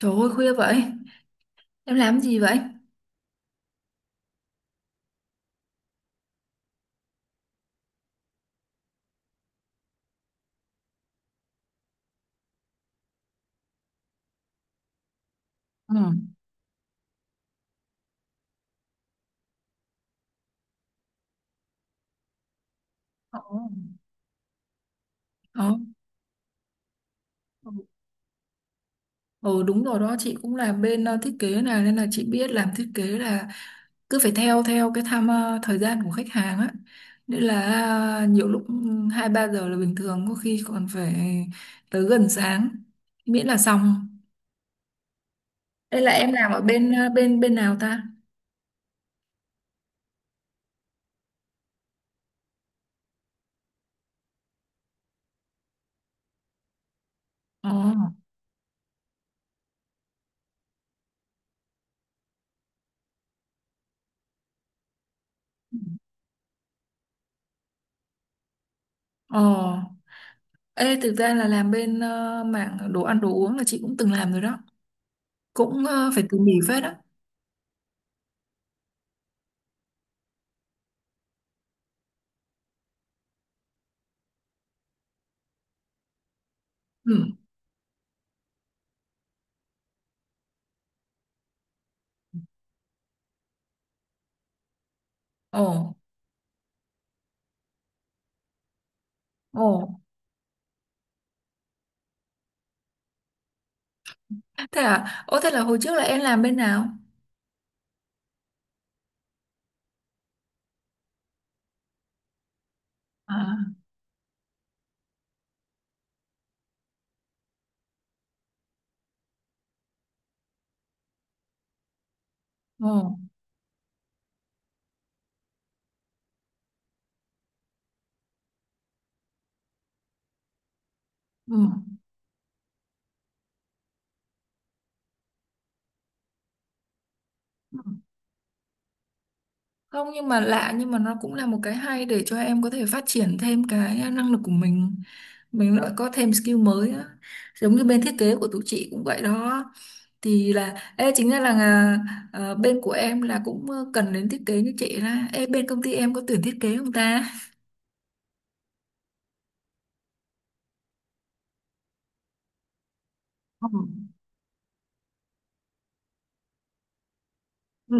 Trời ơi khuya vậy. Em làm gì vậy? Ừ. Ồ. Ồ. Ừ. Ờ. Ờ, đúng rồi đó, chị cũng làm bên thiết kế này. Nên là chị biết làm thiết kế là cứ phải theo theo cái tham thời gian của khách hàng á. Nên là nhiều lúc hai ba giờ là bình thường. Có khi còn phải tới gần sáng, miễn là xong. Đây là em làm ở bên nào ta? Ừ. Ờ, ê thực ra là làm bên mảng đồ ăn đồ uống là chị cũng từng làm rồi đó, cũng phải tỉ mỉ phết đó. Ừ. Ồ, ồ, thế à? Ồ, thế là hồi trước là em làm bên nào? À, ồ, ừ. Ừ. Không, nhưng mà lạ, nhưng mà nó cũng là một cái hay để cho em có thể phát triển thêm cái năng lực của mình. Mình lại có thêm skill mới á. Giống như bên thiết kế của tụi chị cũng vậy đó. Thì là, ê, chính ra là bên của em là cũng cần đến thiết kế như chị ra. Ê, bên công ty em có tuyển thiết kế không ta? Ừ. Ừ.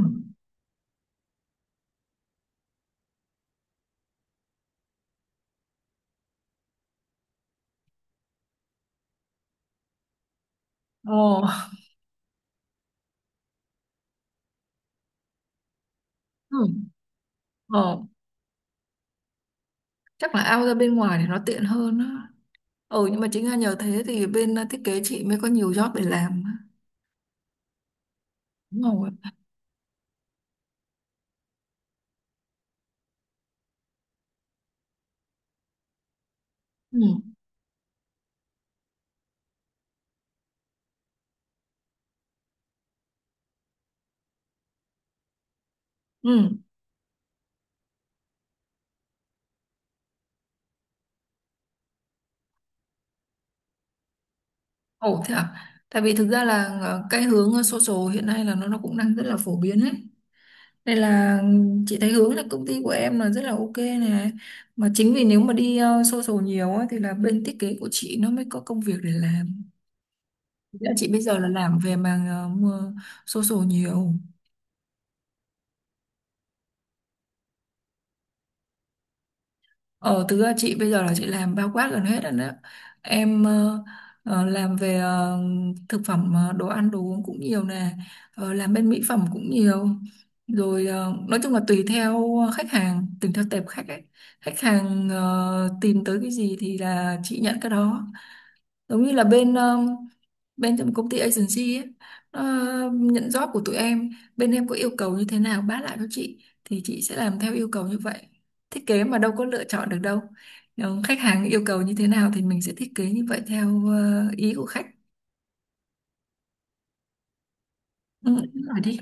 Ồ, ừ. Ồ, chắc là out ra bên ngoài thì nó tiện hơn á. Ừ, nhưng mà chính là nhờ thế thì bên thiết kế chị mới có nhiều job để làm, đúng không ạ? Ừ. Ừ. Ồ, thế à. Tại vì thực ra là cái hướng social hiện nay là nó cũng đang rất là phổ biến ấy. Đây là, ừ, chị thấy hướng là công ty của em là rất là ok này, mà chính vì nếu mà đi social nhiều á thì là bên thiết kế của chị nó mới có công việc để làm. Thực ra chị bây giờ là làm về mảng mua social nhiều. Ờ, thực ra chị bây giờ là chị làm bao quát gần hết rồi đấy. Em làm về thực phẩm, đồ ăn, đồ uống cũng nhiều nè. Ờ, làm bên mỹ phẩm cũng nhiều. Rồi nói chung là tùy theo khách hàng, tùy theo tệp khách ấy. Khách hàng tìm tới cái gì thì là chị nhận cái đó, giống như là bên bên trong công ty agency ấy, nó nhận job của tụi em. Bên em có yêu cầu như thế nào báo lại cho chị thì chị sẽ làm theo yêu cầu như vậy. Thiết kế mà đâu có lựa chọn được đâu. Nếu khách hàng yêu cầu như thế nào thì mình sẽ thiết kế như vậy theo ý của khách. Ừ, đúng rồi đi.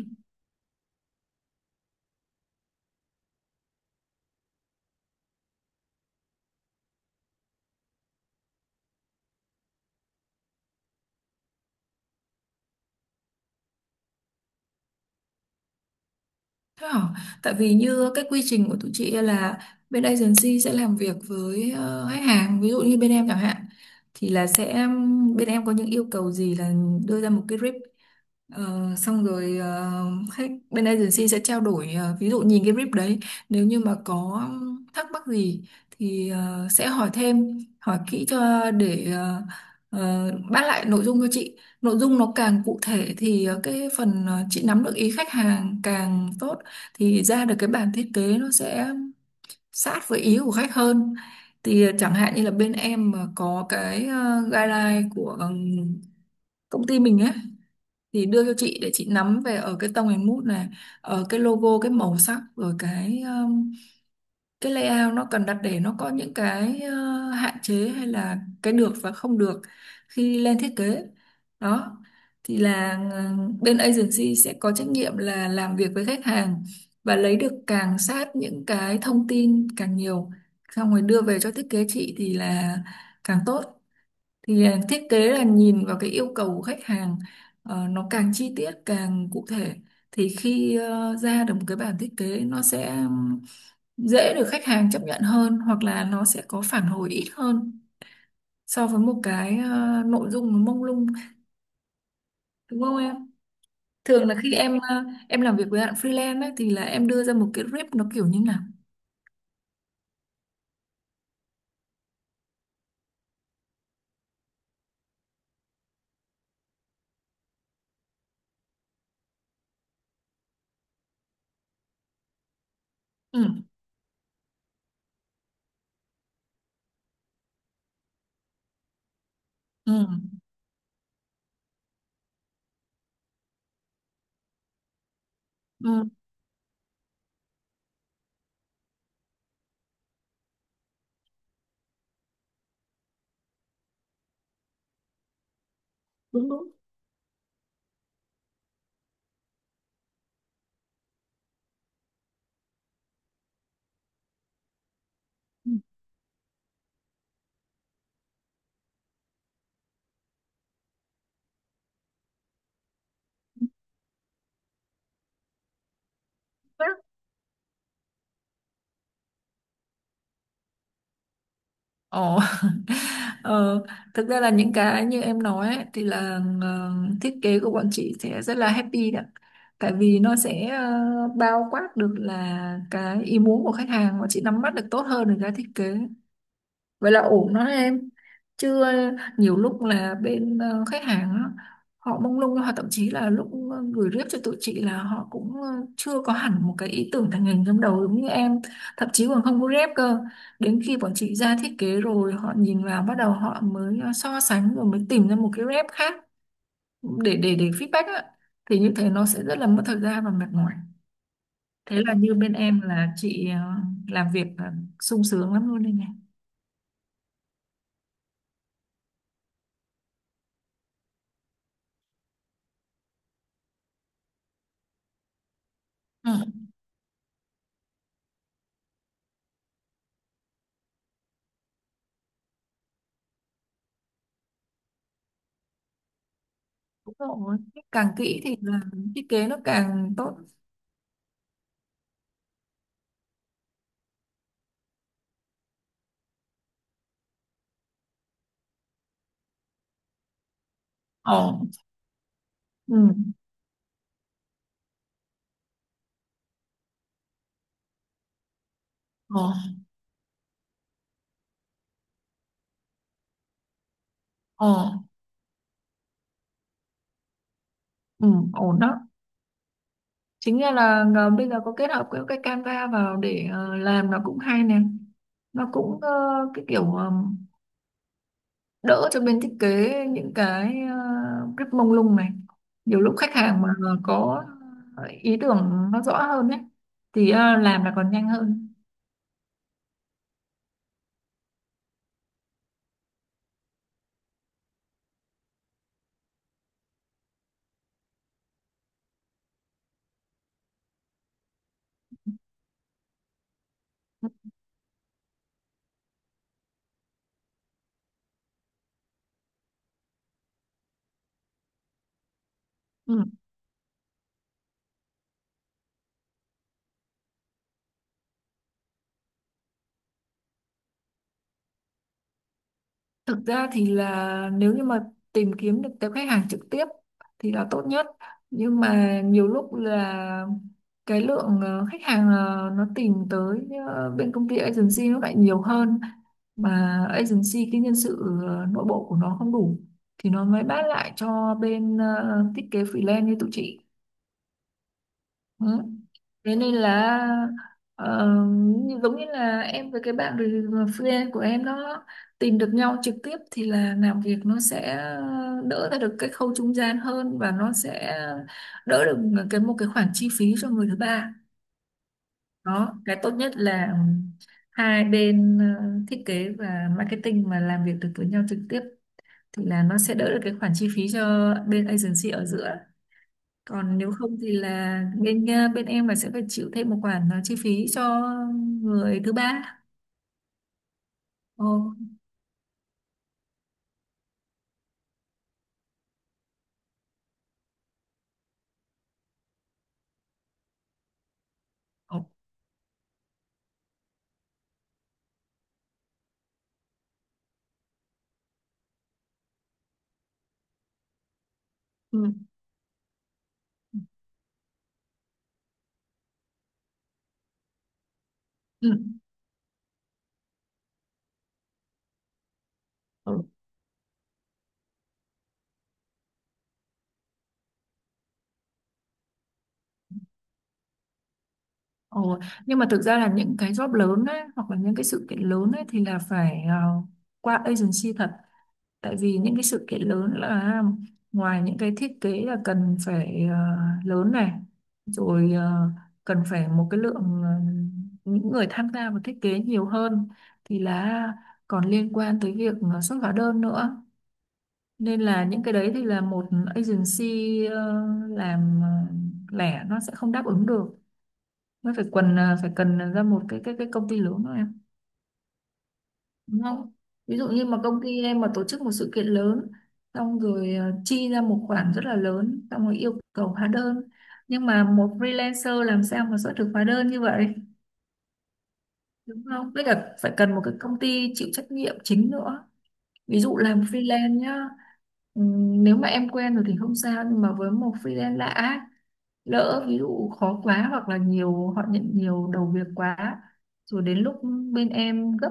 Thế hả? Tại vì như cái quy trình của tụi chị là bên agency sẽ làm việc với khách hàng, ví dụ như bên em chẳng hạn, thì là sẽ bên em có những yêu cầu gì là đưa ra một cái rip. Ờ, xong rồi khách bên agency sẽ trao đổi, ví dụ nhìn cái brief đấy, nếu như mà có thắc mắc gì thì sẽ hỏi thêm hỏi kỹ cho để bắt lại nội dung cho chị. Nội dung nó càng cụ thể thì cái phần chị nắm được ý khách hàng càng tốt, thì ra được cái bản thiết kế nó sẽ sát với ý của khách hơn. Thì chẳng hạn như là bên em mà có cái guideline của công ty mình ấy, thì đưa cho chị để chị nắm về ở cái tông hình mút này, ở cái logo, cái màu sắc, rồi cái layout nó cần đặt để nó có những cái hạn chế hay là cái được và không được khi lên thiết kế đó. Thì là bên agency sẽ có trách nhiệm là làm việc với khách hàng và lấy được càng sát những cái thông tin càng nhiều, xong rồi đưa về cho thiết kế chị thì là càng tốt. Thì thiết kế là nhìn vào cái yêu cầu của khách hàng, nó càng chi tiết càng cụ thể thì khi ra được một cái bản thiết kế nó sẽ dễ được khách hàng chấp nhận hơn, hoặc là nó sẽ có phản hồi ít hơn so với một cái nội dung nó mông lung, đúng không em? Thường là khi em làm việc với bạn freelance ấy, thì là em đưa ra một cái rip nó kiểu như nào. Ừ. Ừ. Ừ. Đúng đúng. Ừ. Ồ, ờ, thực ra là những cái như em nói ấy, thì là thiết kế của bọn chị sẽ rất là happy đó. Tại vì nó sẽ bao quát được là cái ý muốn của khách hàng và chị nắm bắt được tốt hơn được cái thiết kế, vậy là ổn đó em. Chứ nhiều lúc là bên khách hàng á, họ mông lung hoặc thậm chí là lúc gửi rep cho tụi chị là họ cũng chưa có hẳn một cái ý tưởng thành hình trong đầu giống như em, thậm chí còn không có rep cơ, đến khi bọn chị ra thiết kế rồi họ nhìn vào bắt đầu họ mới so sánh rồi mới tìm ra một cái rep khác để feedback á, thì như thế nó sẽ rất là mất thời gian và mệt mỏi. Thế là như bên em là chị làm việc là sung sướng lắm luôn đây này. Ừ. Đúng rồi. Càng kỹ thì là thiết kế nó càng tốt. Ổn. Ừ. Ổn. Ổn. Ừ. Ổn đó. Chính ra là bây giờ có kết hợp cái Canva vào để làm nó cũng hay nè. Nó cũng cái kiểu đỡ cho bên thiết kế những cái rất mông lung này. Nhiều lúc khách hàng mà có ý tưởng nó rõ hơn ấy thì làm là còn nhanh hơn. Ừ. Thực ra thì là nếu như mà tìm kiếm được tới khách hàng trực tiếp thì là tốt nhất. Nhưng mà nhiều lúc là cái lượng khách hàng nó tìm tới bên công ty agency nó lại nhiều hơn, mà agency cái nhân sự nội bộ của nó không đủ thì nó mới bán lại cho bên thiết kế freelance như tụi chị. Ừ. Thế nên là ờ, giống như là em với cái bạn friend của em đó tìm được nhau trực tiếp thì là làm việc nó sẽ đỡ ra được cái khâu trung gian hơn và nó sẽ đỡ được cái một cái khoản chi phí cho người thứ ba. Đó, cái tốt nhất là hai bên thiết kế và marketing mà làm việc được với nhau trực tiếp thì là nó sẽ đỡ được cái khoản chi phí cho bên agency ở giữa, còn nếu không thì là bên em là sẽ phải chịu thêm một khoản chi phí cho người thứ ba. Ồ. Ồ, ừ. Ừ. Ừ. Ồ. Nhưng mà thực ra là những cái job lớn ấy, hoặc là những cái sự kiện lớn ấy, thì là phải qua agency thật, tại vì những cái sự kiện lớn là ngoài những cái thiết kế là cần phải lớn này, rồi cần phải một cái lượng những người tham gia vào thiết kế nhiều hơn, thì là còn liên quan tới việc xuất hóa đơn nữa, nên là những cái đấy thì là một agency ờ, làm lẻ nó sẽ không đáp ứng được, mới phải cần ra một cái công ty lớn thôi em, đúng không? Ví dụ như mà công ty em mà tổ chức một sự kiện lớn, xong rồi chi ra một khoản rất là lớn xong rồi yêu cầu hóa đơn, nhưng mà một freelancer làm sao mà xuất được hóa đơn như vậy, đúng không? Với cả phải cần một cái công ty chịu trách nhiệm chính nữa, ví dụ làm freelance nhá. Nếu mà em quen rồi thì không sao, nhưng mà với một freelance lạ á, lỡ ví dụ khó quá hoặc là nhiều họ nhận nhiều đầu việc quá, rồi đến lúc bên em gấp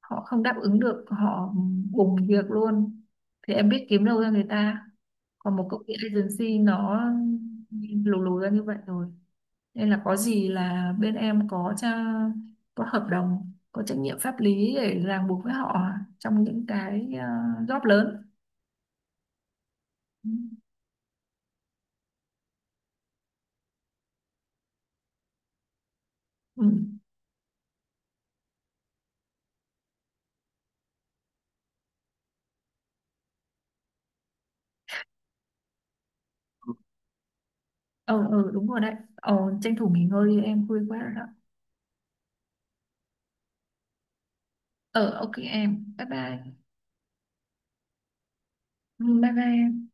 họ không đáp ứng được, họ bùng việc luôn, thì em biết kiếm đâu ra người ta. Còn một công ty agency nó lù lù ra như vậy rồi, nên là có gì là bên em có tra, có hợp đồng có trách nhiệm pháp lý để ràng buộc với họ trong những cái job lớn. Ừ. Ừ, ừ đúng rồi đấy. Ờ, tranh thủ nghỉ ngơi đi em, vui quá rồi đó. Ờ, ok em, bye bye. Ừ, bye bye em.